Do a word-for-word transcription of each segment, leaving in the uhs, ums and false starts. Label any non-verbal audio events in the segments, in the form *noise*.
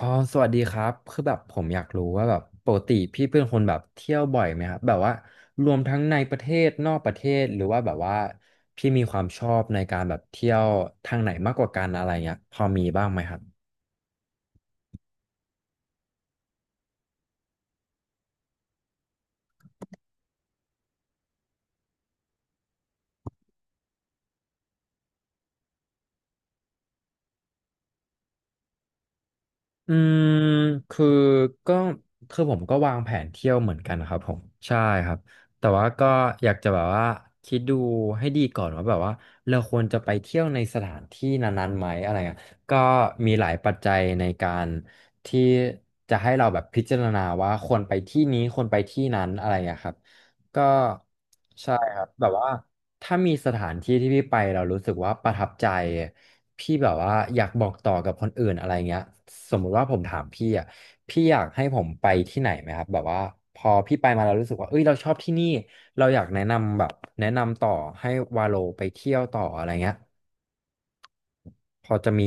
อ๋อสวัสดีครับคือแบบผมอยากรู้ว่าแบบปกติพี่เป็นคนแบบเที่ยวบ่อยไหมครับแบบว่ารวมทั้งในประเทศนอกประเทศหรือว่าแบบว่าพี่มีความชอบในการแบบเที่ยวทางไหนมากกว่ากันอะไรเงี้ยพอมีบ้างไหมครับ อืมคือก็คือผมก็วางแผนเที่ยวเหมือนกันครับผมใช่ครับแต่ว่าก็อยากจะแบบว่าคิดดูให้ดีก่อนว่าแบบว่าเราควรจะไปเที่ยวในสถานที่นั้นๆไหมอะไรเงี้ยก็มีหลายปัจจัยในการที่จะให้เราแบบพิจารณาว่าควรไปที่นี้ควรไปที่นั้นอะไรเงี้ยครับก็ใช่ครับแบบว่า ถ้ามีสถานที่ที่พี่ไปเรารู้สึกว่าประทับใจพี่แบบว่าอยากบอกต่อกับคนอื่นอะไรเงี้ยสมมุติว่าผมถามพี่อ่ะพี่อยากให้ผมไปที่ไหนไหมครับแบบว่าพอพี่ไปมาเรารู้สึกว่าเอ้ยเราชอบที่นี่เราอยากแนะนำแบบแนะนำต่อให้วาโลไปเที่ยวต่ออะไรเงี้ยพอจะมี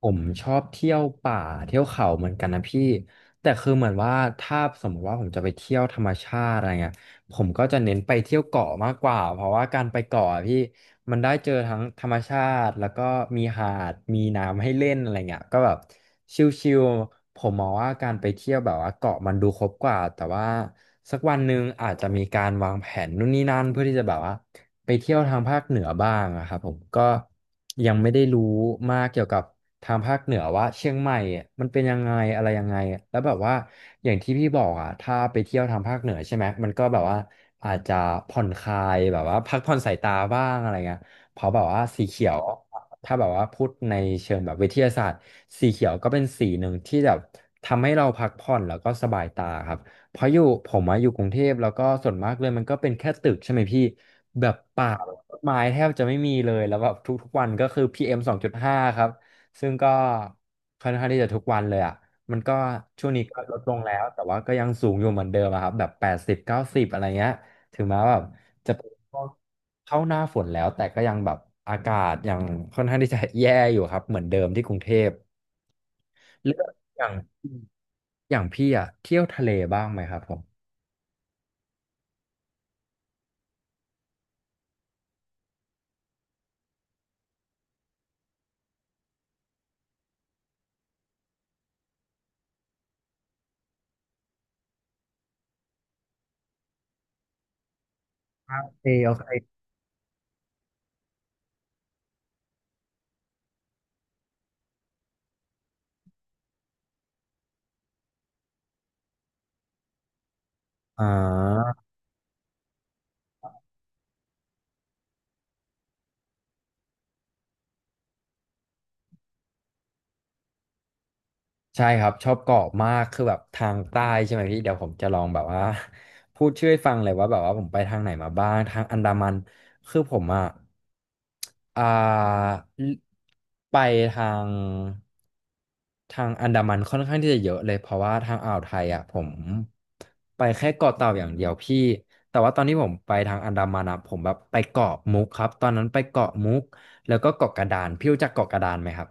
ผมชอบเที่ยวป่าเที่ยวเขาเหมือนกันนะพี่แต่คือเหมือนว่าถ้าสมมติว่าผมจะไปเที่ยวธรรมชาติอะไรเงี้ยผมก็จะเน้นไปเที่ยวเกาะมากกว่า เพราะว่าการไปเกาะอะพี่มันได้เจอทั้งธรรมชาติแล้วก็มีหาดมีน้ำให้เล่นอะไรเงี้ยก็แบบชิลๆผมมองว่าการไปเที่ยวแบบว่าเกาะมันดูครบกว่าแต่ว่าสักวันหนึ่งอาจจะมีการวางแผนนู่นนี่นั่นเพื่อที่จะแบบว่าไปเที่ยวทางภาคเหนือบ้างอะครับผมก็ยังไม่ได้รู้มากเกี่ยวกับ ทางภาคเหนือว่าเชียงใหม่อะมันเป็นยังไงอะไรยังไงอะแล้วแบบว่าอย่างที่พี่บอกอ่ะถ้าไปเที่ยวทางภาคเหนือใช่ไหมมันก็แบบว่าอาจจะผ่อนคลายแบบว่าพักผ่อนสายตาบ้างอะไรเงี้ยเพราะแบบว่าสีเขียวถ้าแบบว่าพูดในเชิงแบบวิทยาศาสตร์สีเขียวก็เป็นสีหนึ่งที่แบบทำให้เราพักผ่อนแล้วก็สบายตาครับเพราะอยู่ผมมาอยู่กรุงเทพแล้วก็ส่วนมากเลยมันก็เป็นแค่ตึกใช่ไหมพี่แบบป่าต้นไม้แทบจะไม่มีเลยแล้วแบบทุกๆวันก็คือ พี เอ็ม สองจุดห้าครับ ซึ่งก็ค่อนข้างที่จะทุกวันเลยอ่ะมันก็ช่วงนี้ก็ลดลงแล้วแต่ว่าก็ยังสูงอยู่เหมือนเดิมอะครับแบบแปดสิบเก้าสิบอะไรเงี้ยถึงแม้ว่าแบบจะเป็นชวกเข้าหน้าฝนแล้วแต่ก็ยังแบบอากาศยังค่อนข้างที่จะแย่อยู่ครับเหมือนเดิมที่กรุงเทพเลือกอย่างอย่างพี่อ่ะเที่ยวทะเลบ้างไหมครับผมโอเคโอเคอ่า ใช่ครับชอบเกาะมากคือแบบทางใต้ใช่ไหมพี่เดี๋ยวผมจะลองแบบว่า *laughs* พูดชื่อให้ฟังเลยว่าแบบว่าผมไปทางไหนมาบ้างทางอันดามันคือผมอ่ะอ่าไปทางทางอันดามันค่อนข้างที่จะเยอะเลยเพราะว่าทางอ่าวไทยอ่ะผมไปแค่เกาะเต่าอย่างเดียวพี่แต่ว่าตอนที่ผมไปทางอันดามันอ่ะผมแบบไปเกาะมุกครับตอนนั้นไปเกาะมุกแล้วก็เกาะกระดานพี่รู้จักเกาะกระดานไหมครับ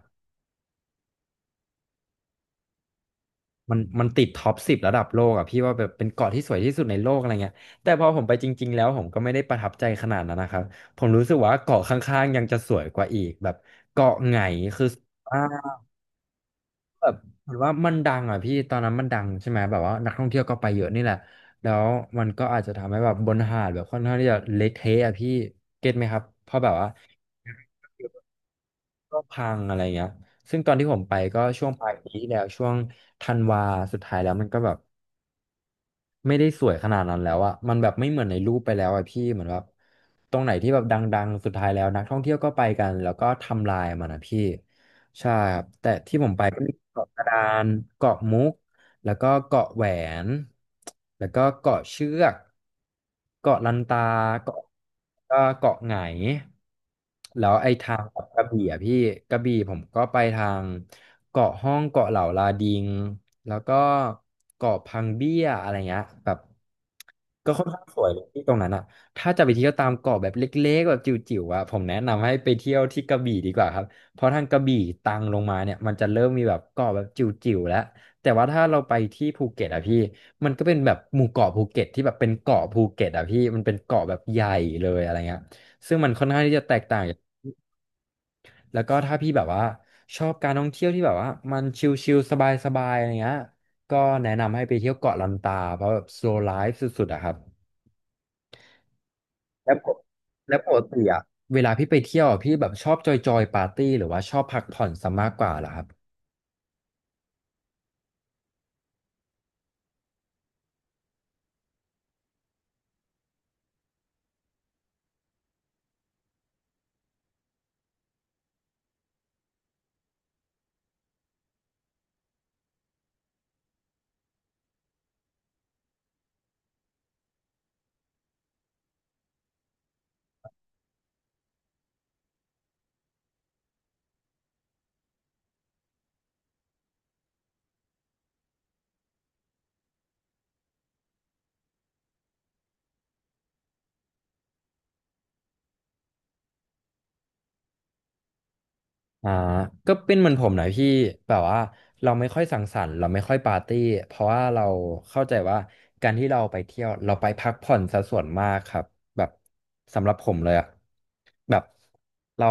มันมันติดท็อปสิบระดับโลกอ่ะพี่ว่าแบบเป็นเกาะที่สวยที่สุดในโลกอะไรเงี้ยแต่พอผมไปจริงๆแล้วผมก็ไม่ได้ประทับใจขนาดนั้นนะครับผมรู้สึกว่าเกาะข้างๆยังจะสวยกว่าอีกแบบอ่าแบบเหมือนว่ามันดังอ่ะพี่ตอนนั้นมันดังใช่ไหมแบบว่านักท่องเที่ยวก็ไปเยอะนี่แหละแล้วมันก็อาจจะทำให้แบบบนหาดแบบค่อนข้างที่จะเละเทะอ่ะพี่ครับเพราะแบบว่าเดี๋ยวก็พังอะไรเงี้ยซึ่งตอนที่ผมไปก็ช่วงปลายปีที่แล้วช่วงธันวาสุดท้ายแล้วมันก็แบบ ไม่ได้สวยขนาดนั้นแล้วอะ มันแบบไม่เหมือนในรูปไปแล้วอะพี่เหมือนแบบตรงไหนที่แบบดังๆสุดท้ายแล้วนักท่องเที่ยวก็ไปกันแล้วก็ทำลายมันอะพี่ ใช่ครับ แต่ที่ผมไปก็มีเกาะกระดานเกาะมุก แล้วก็เกาะแหวนแล้วก็เกาะเชือกเกาะลันตาเกาะก็เกาะไหงแล้วไอ้ทางกระบี่อะพี่กระบี่ผมก็ไปทางเกาะห้องเกาะเหล่าลาดิงแล้วก็เกาะพังเบี้ยอะไรเงี้ยแบบก็ค่อนข้างสวยเลยที่ตรงนั้นอ่ะถ้าจะไปเที่ยวตามเกาะแบบเล็กๆแบบจิ๋วๆอ่ะผมแนะนำให้ไปเที่ยวที่กระบี่ดีกว่าครับเพราะทางกระบี่ตังลงมาเนี่ยมันจะเริ่มมีแบบเกาะแบบจิ๋วๆแล้ว แต่ว่าถ้าเราไปที่ภูเก็ตอะพี่มันก็เป็นแบบหมู่เกาะภูเก็ตที่แบบเป็นเกาะภูเก็ตอะพี่มันเป็นเกาะแบบใหญ่เลยอะไรเงี้ยซึ่งมันค่อนข้างที่จะแตกต่างแล้วก็ถ้าพี่แบบว่าชอบการท่องเที่ยวที่แบบว่ามันชิลๆสบายๆอะไรเงี้ยก็แนะนำให้ไปเที่ยวเกาะลันตาเพราะแบบ slow life สุดๆอะครับแล้วปกแล้วปกติอะเวลาพี่ไปเที่ยวอะพี่แบบชอบจอยๆปาร์ตี้หรือว่าชอบพักผ่อนซะมากกว่าเหรอครับ อ่าก็เป็นเหมือนผมหน่อยพี่แบบว่าเราไม่ค่อยสังสรรค์เราไม่ค่อยปาร์ตี้เพราะว่าเราเข้าใจว่าการที่เราไปเที่ยวเราไปพักผ่อนซะส่วนมากครับแบบสำหรับผมเลยอะแบบเรา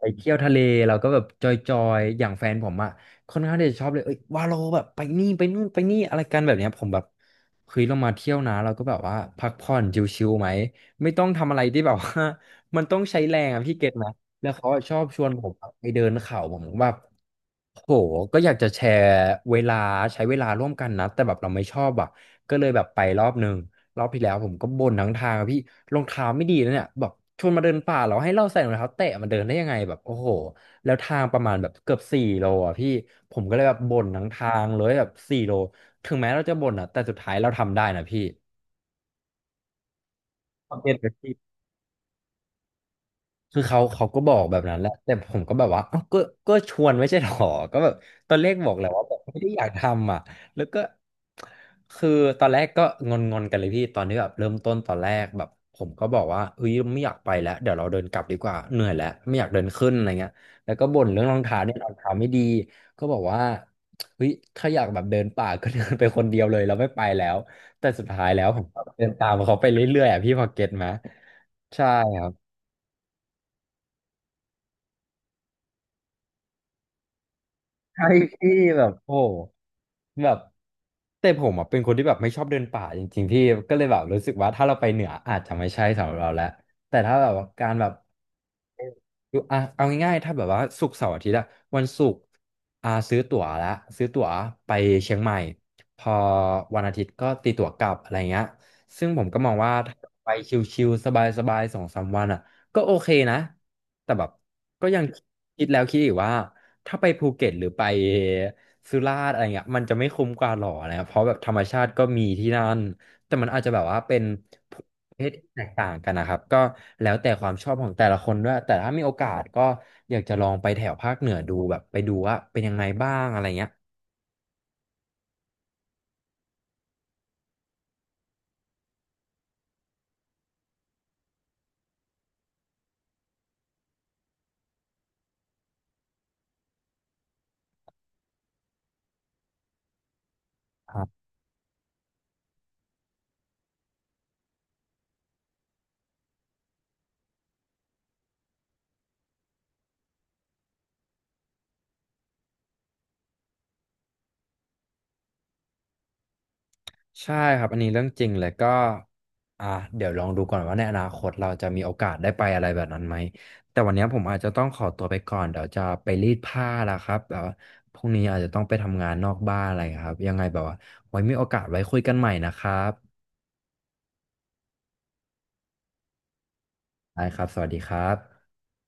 ไปเที่ยวทะเลเราก็แบบจอยๆอย่างแฟนผมอะค่อนข้างที่จะชอบเลยเอ้ยวาโลแบบไปนี่ไปนู่นไปนี่อะไรกันแบบเนี้ยผมแบบเฮ้ยเรามาเที่ยวนะเราก็แบบว่าพักผ่อนชิลๆไหมไม่ต้องทำอะไรที่แบบว่า *laughs* มันต้องใช้แรงอะพี่เก็ตไหม แล้วเขาอะชอบชวนผมอะไปเดินเขาผมแบบโหก็อยากจะแชร์เวลาใช้เวลาร่วมกันนะแต่แบบเราไม่ชอบอ่ะก็เลยแบบไปรอบหนึ่งรอบที่แล้วผมก็บ่นทั้งทางอะพี่รองเท้าไม่ดีนะเนี่ยแบบชวนมาเดินป่าเราให้เราใส่รองเท้าแตะมาเดินได้ยังไงแบบโอ้โหแล้วทางประมาณแบบเกือบสี่โลอ่ะพี่ผมก็เลยแบบบ่นทั้งทางเลยแบบสี่โลถึงแม้เราจะบ่นอ่ะแต่สุดท้ายเราทำได้นะพี่โอเค คือเขาเขาก็บอกแบบนั้นแหละแต่ผมก็แบบว่าเอ้าก็ก็ชวนไม่ใช่หรอก็แบบตอนแรกบอกแล้วว่าแบบไม่ได้อยากทำอ่ะแล้วก็คือตอนแรกก็งอนๆกันเลยพี่ตอนที่แบบเริ่มต้นตอนแรกแบบผมก็บอกว่าเอ้ยไม่อยากไปแล้วเดี๋ยวเราเดินกลับดีกว่าเหนื่อยแล้วไม่อยากเดินขึ้นอะไรเงี้ยแล้วก็บ่นเรื่องรองเท้าเนี่ยรองเท้าไม่ดีก็บอกว่าเฮ้ยถ้าอยากแบบเดินป่าก็ *laughs* เดินไปคนเดียวเลยเราไม่ไปแล้วแต่สุดท้ายแล้วผมก็เดินตามเขาไปเรื่อยๆอ่ะพี่พอเก็ตไหมใช่ ใช่พี่แบบโอ้แบบแต่ผมอ่ะเป็นคนที่แบบไม่ชอบเดินป่าจริงๆพี่ก็เลยแบบรู้สึกว่าถ้าเราไปเหนืออาจจะไม่ใช่สำหรับเราแล้วแต่ถ้าแบบว่าการแบบดูอ่ะเอาง่ายๆถ้าแบบว่าศุกร์เสาร์อาทิตย์อะวันศุกร์อ่าซื้อตั๋วละซื้อตั๋วไปเชียงใหม่พอวันอาทิตย์ก็ตีตั๋วกลับอะไรเงี้ยซึ่งผมก็มองว่าถ้าไปชิลๆสบายๆสองสามวันอะก็โอเคนะแต่แบบก็ยังคิดแล้วคิดอีกว่า ถ้าไปภูเก็ตหรือไปสุราษฎร์อะไรเงี้ยมันจะไม่คุ้มกว่าหรอนะครับเพราะแบบธรรมชาติก็มีที่นั่นแต่มันอาจจะแบบว่าเป็นประเภทที่แตกต่างกันนะครับก็แล้วแต่ความชอบของแต่ละคนด้วยแต่ถ้ามีโอกาสก็อยากจะลองไปแถวภาคเหนือดูแบบไปดูว่าเป็นยังไงบ้างอะไรเงี้ย ใช่ครับอันนี้เรื่องจริงเลยก็อ่ะเดี๋ยวลองดูก่อนว่าในอนาคตเราจะมีโอกาสได้ไปอะไรแบบนั้นไหมแต่วันนี้ผมอาจจะต้องขอตัวไปก่อนเดี๋ยวจะไปรีดผ้าแล้วครับแบบว่าพรุ่งนี้อาจจะต้องไปทำงานนอกบ้านอะไรครับยังไงแบบว่าไว้มีโอกาสไว้คุยกันใหม่นะครับได้ครับสวัสดีครับ